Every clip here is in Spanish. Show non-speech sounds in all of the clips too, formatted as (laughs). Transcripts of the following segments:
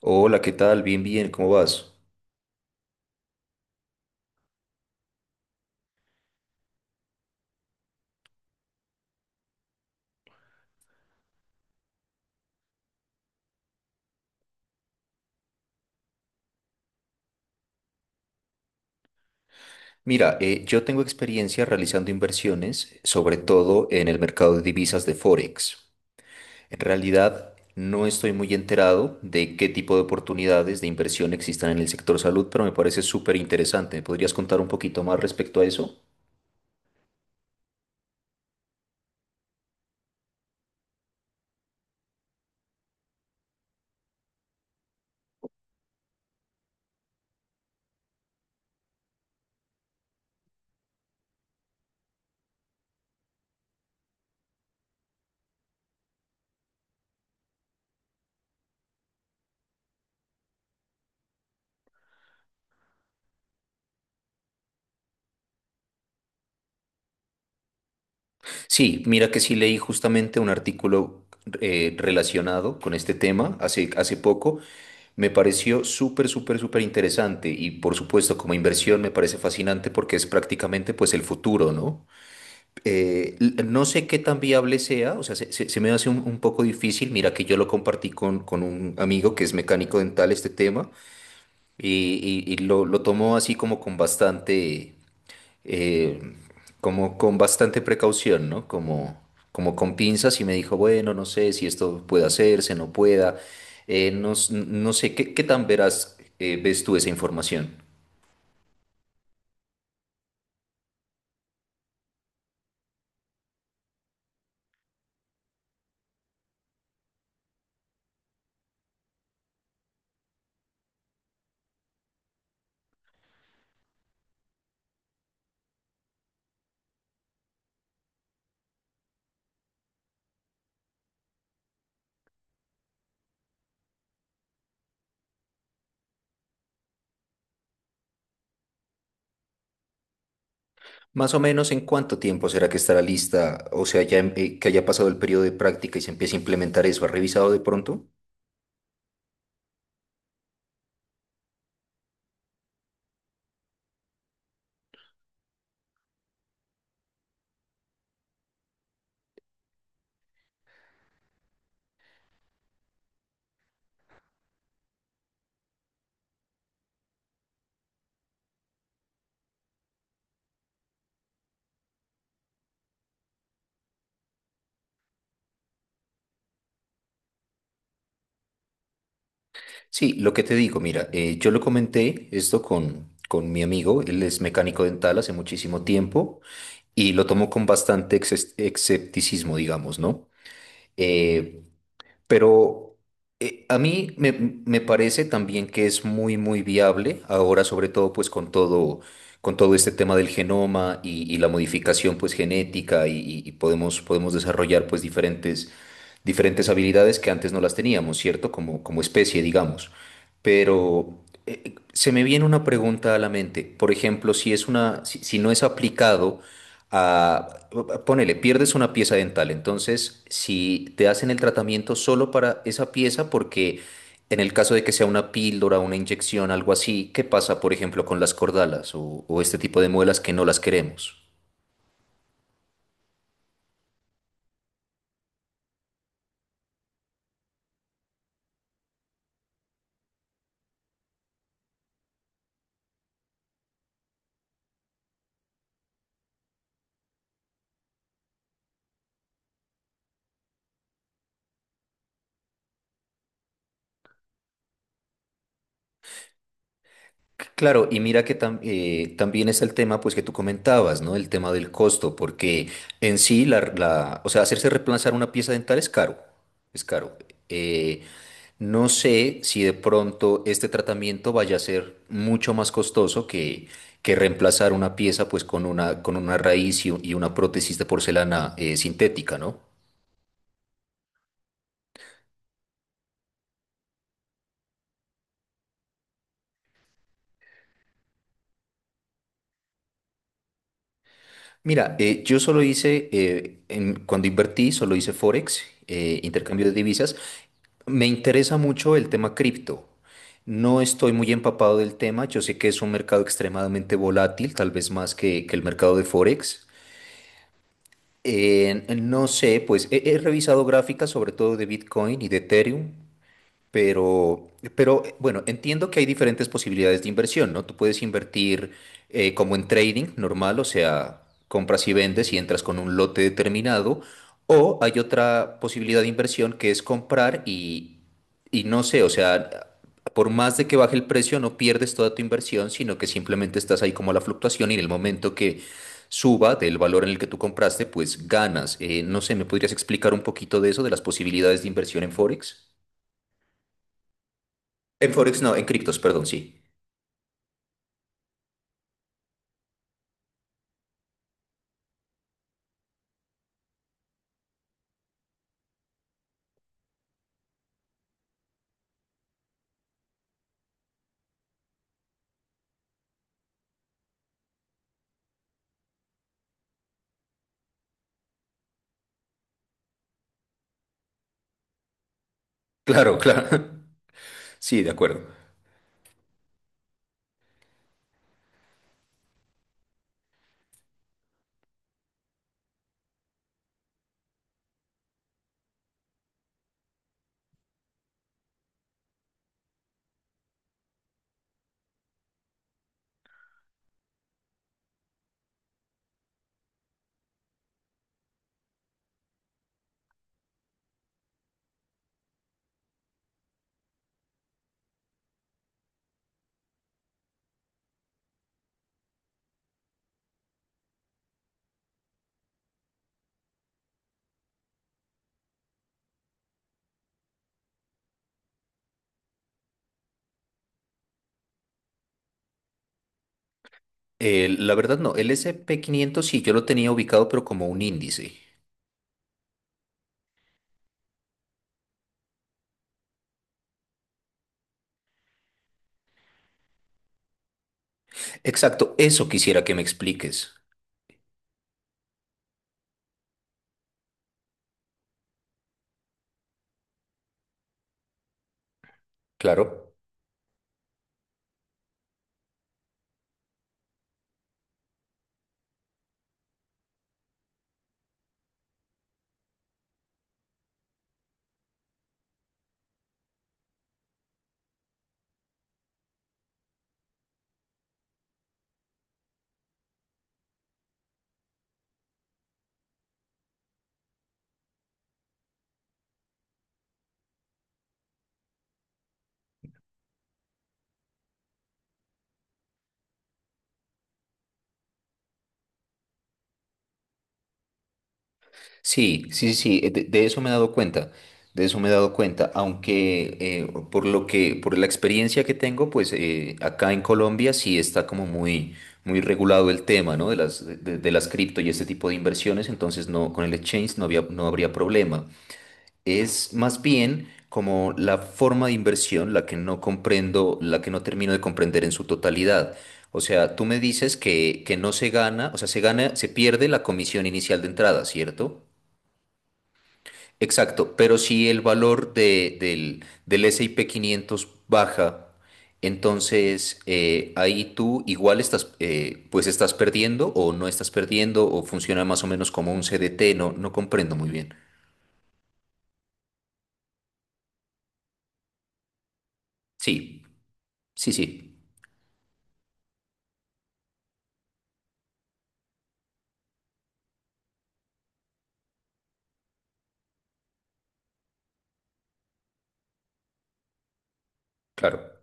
Hola, ¿qué tal? Bien, bien, ¿cómo vas? Mira, yo tengo experiencia realizando inversiones, sobre todo en el mercado de divisas de Forex. En realidad, no estoy muy enterado de qué tipo de oportunidades de inversión existan en el sector salud, pero me parece súper interesante. ¿Me podrías contar un poquito más respecto a eso? Sí, mira que sí leí justamente un artículo relacionado con este tema hace poco. Me pareció súper, súper, súper interesante y por supuesto como inversión me parece fascinante porque es prácticamente pues el futuro, ¿no? No sé qué tan viable sea, o sea, se me hace un poco difícil. Mira que yo lo compartí con un amigo que es mecánico dental este tema y lo tomó así eh, como con bastante precaución, ¿no? Como con pinzas y me dijo, bueno, no sé si esto puede hacerse, no pueda, no, no sé, ¿qué tan verás ves tú esa información? Más o menos en cuánto tiempo será que estará lista, o sea, ya que haya pasado el periodo de práctica y se empiece a implementar eso, ¿has revisado de pronto? Sí, lo que te digo, mira, yo lo comenté esto con mi amigo, él es mecánico dental hace muchísimo tiempo y lo tomó con bastante escepticismo, digamos, ¿no? Eh, pero a mí me parece también que es muy, muy viable ahora, sobre todo pues con todo este tema del genoma y la modificación pues genética y podemos desarrollar pues diferentes habilidades que antes no las teníamos, ¿cierto? Como, como especie, digamos. Pero se me viene una pregunta a la mente. Por ejemplo, si no es aplicado a, ponele, pierdes una pieza dental. Entonces, si te hacen el tratamiento solo para esa pieza, porque en el caso de que sea una píldora, una inyección, algo así, ¿qué pasa, por ejemplo, con las cordalas o este tipo de muelas que no las queremos? Claro, y mira que también es el tema pues que tú comentabas, ¿no? El tema del costo, porque en sí, o sea, hacerse reemplazar una pieza dental es caro, es caro. Eh, no sé si de pronto este tratamiento vaya a ser mucho más costoso que reemplazar una pieza pues con una raíz y una prótesis de porcelana sintética, ¿no? Mira, yo solo hice, cuando invertí, solo hice Forex, intercambio de divisas. Me interesa mucho el tema cripto. No estoy muy empapado del tema. Yo sé que es un mercado extremadamente volátil, tal vez más que el mercado de Forex. No sé, pues he revisado gráficas sobre todo de Bitcoin y de Ethereum. Pero, pero, bueno, entiendo que hay diferentes posibilidades de inversión, ¿no? Tú puedes invertir como en trading normal, o sea, compras y vendes y entras con un lote determinado, o hay otra posibilidad de inversión que es comprar y no sé, o sea, por más de que baje el precio, no pierdes toda tu inversión, sino que simplemente estás ahí como a la fluctuación y en el momento que suba del valor en el que tú compraste, pues ganas. No sé, ¿me podrías explicar un poquito de eso, de las posibilidades de inversión en Forex? En Forex no, en criptos, perdón, sí. Claro, claro. (laughs) Sí, de acuerdo. La verdad no, el S&P 500 sí, yo lo tenía ubicado, pero como un índice. Exacto, eso quisiera que me expliques. Claro. Sí, sí, sí, sí, de eso me he dado cuenta. De eso me he dado cuenta, aunque por la experiencia que tengo, pues acá en Colombia sí está como muy, muy regulado el tema, ¿no? De las cripto y este tipo de inversiones, entonces no, con el exchange no habría problema. Es más bien como la forma de inversión la que no comprendo, la que no termino de comprender en su totalidad. O sea, tú me dices que no se gana, o sea, se gana, se pierde la comisión inicial de entrada, ¿cierto? Exacto, pero si el valor del S&P 500 baja, entonces ahí tú igual estás, pues estás perdiendo o no estás perdiendo o funciona más o menos como un CDT, no, no comprendo muy bien. Sí, sí, sí, claro.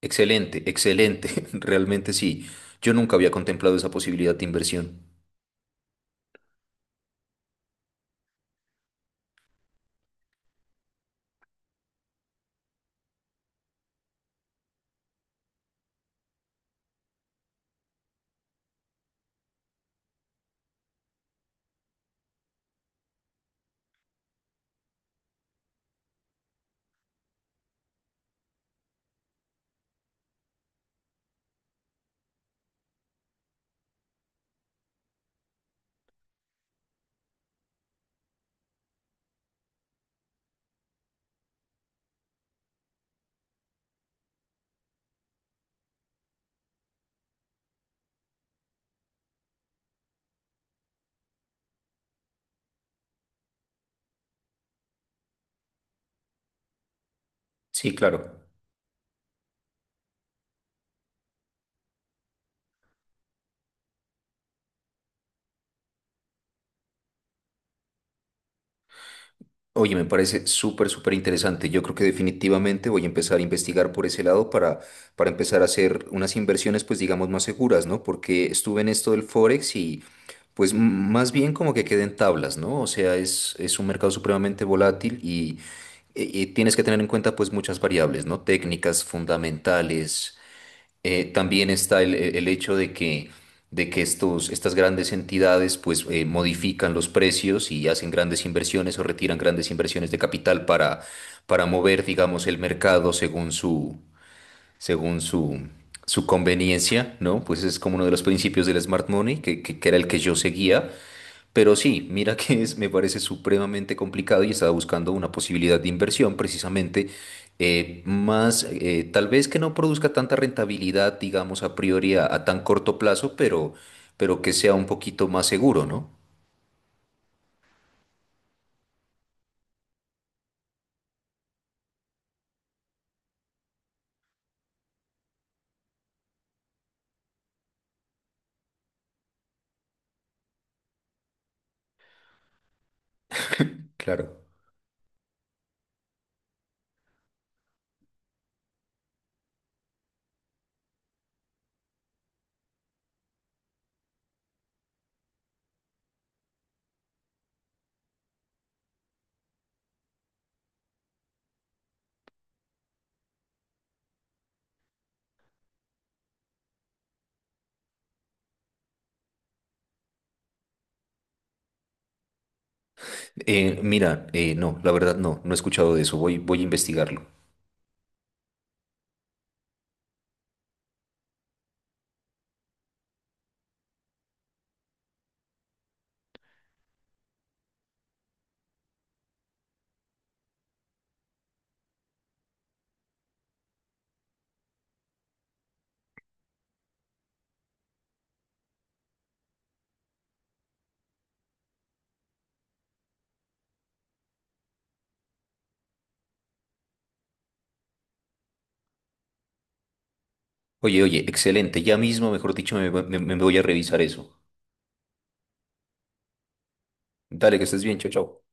Excelente, excelente, (laughs) realmente sí. Yo nunca había contemplado esa posibilidad de inversión. Sí, claro. Oye, me parece súper, súper interesante. Yo creo que definitivamente voy a empezar a investigar por ese lado para empezar a hacer unas inversiones, pues digamos, más seguras, ¿no? Porque estuve en esto del Forex y pues más bien como que queden tablas, ¿no? O sea, es un mercado supremamente volátil y tienes que tener en cuenta pues muchas variables, ¿no? Técnicas fundamentales. También está el hecho de que, estas grandes entidades pues, modifican los precios y hacen grandes inversiones o retiran grandes inversiones de capital para mover, digamos, el mercado según su conveniencia, ¿no? Pues es como uno de los principios del smart money, que era el que yo seguía. Pero sí, mira me parece supremamente complicado y estaba buscando una posibilidad de inversión precisamente más, tal vez que no produzca tanta rentabilidad, digamos, a priori a tan corto plazo, pero que sea un poquito más seguro, ¿no? Claro. Mira, no, la verdad no, no he escuchado de eso, voy a investigarlo. Oye, oye, excelente, ya mismo, mejor dicho, me voy a revisar eso. Dale, que estés bien, chao, chao.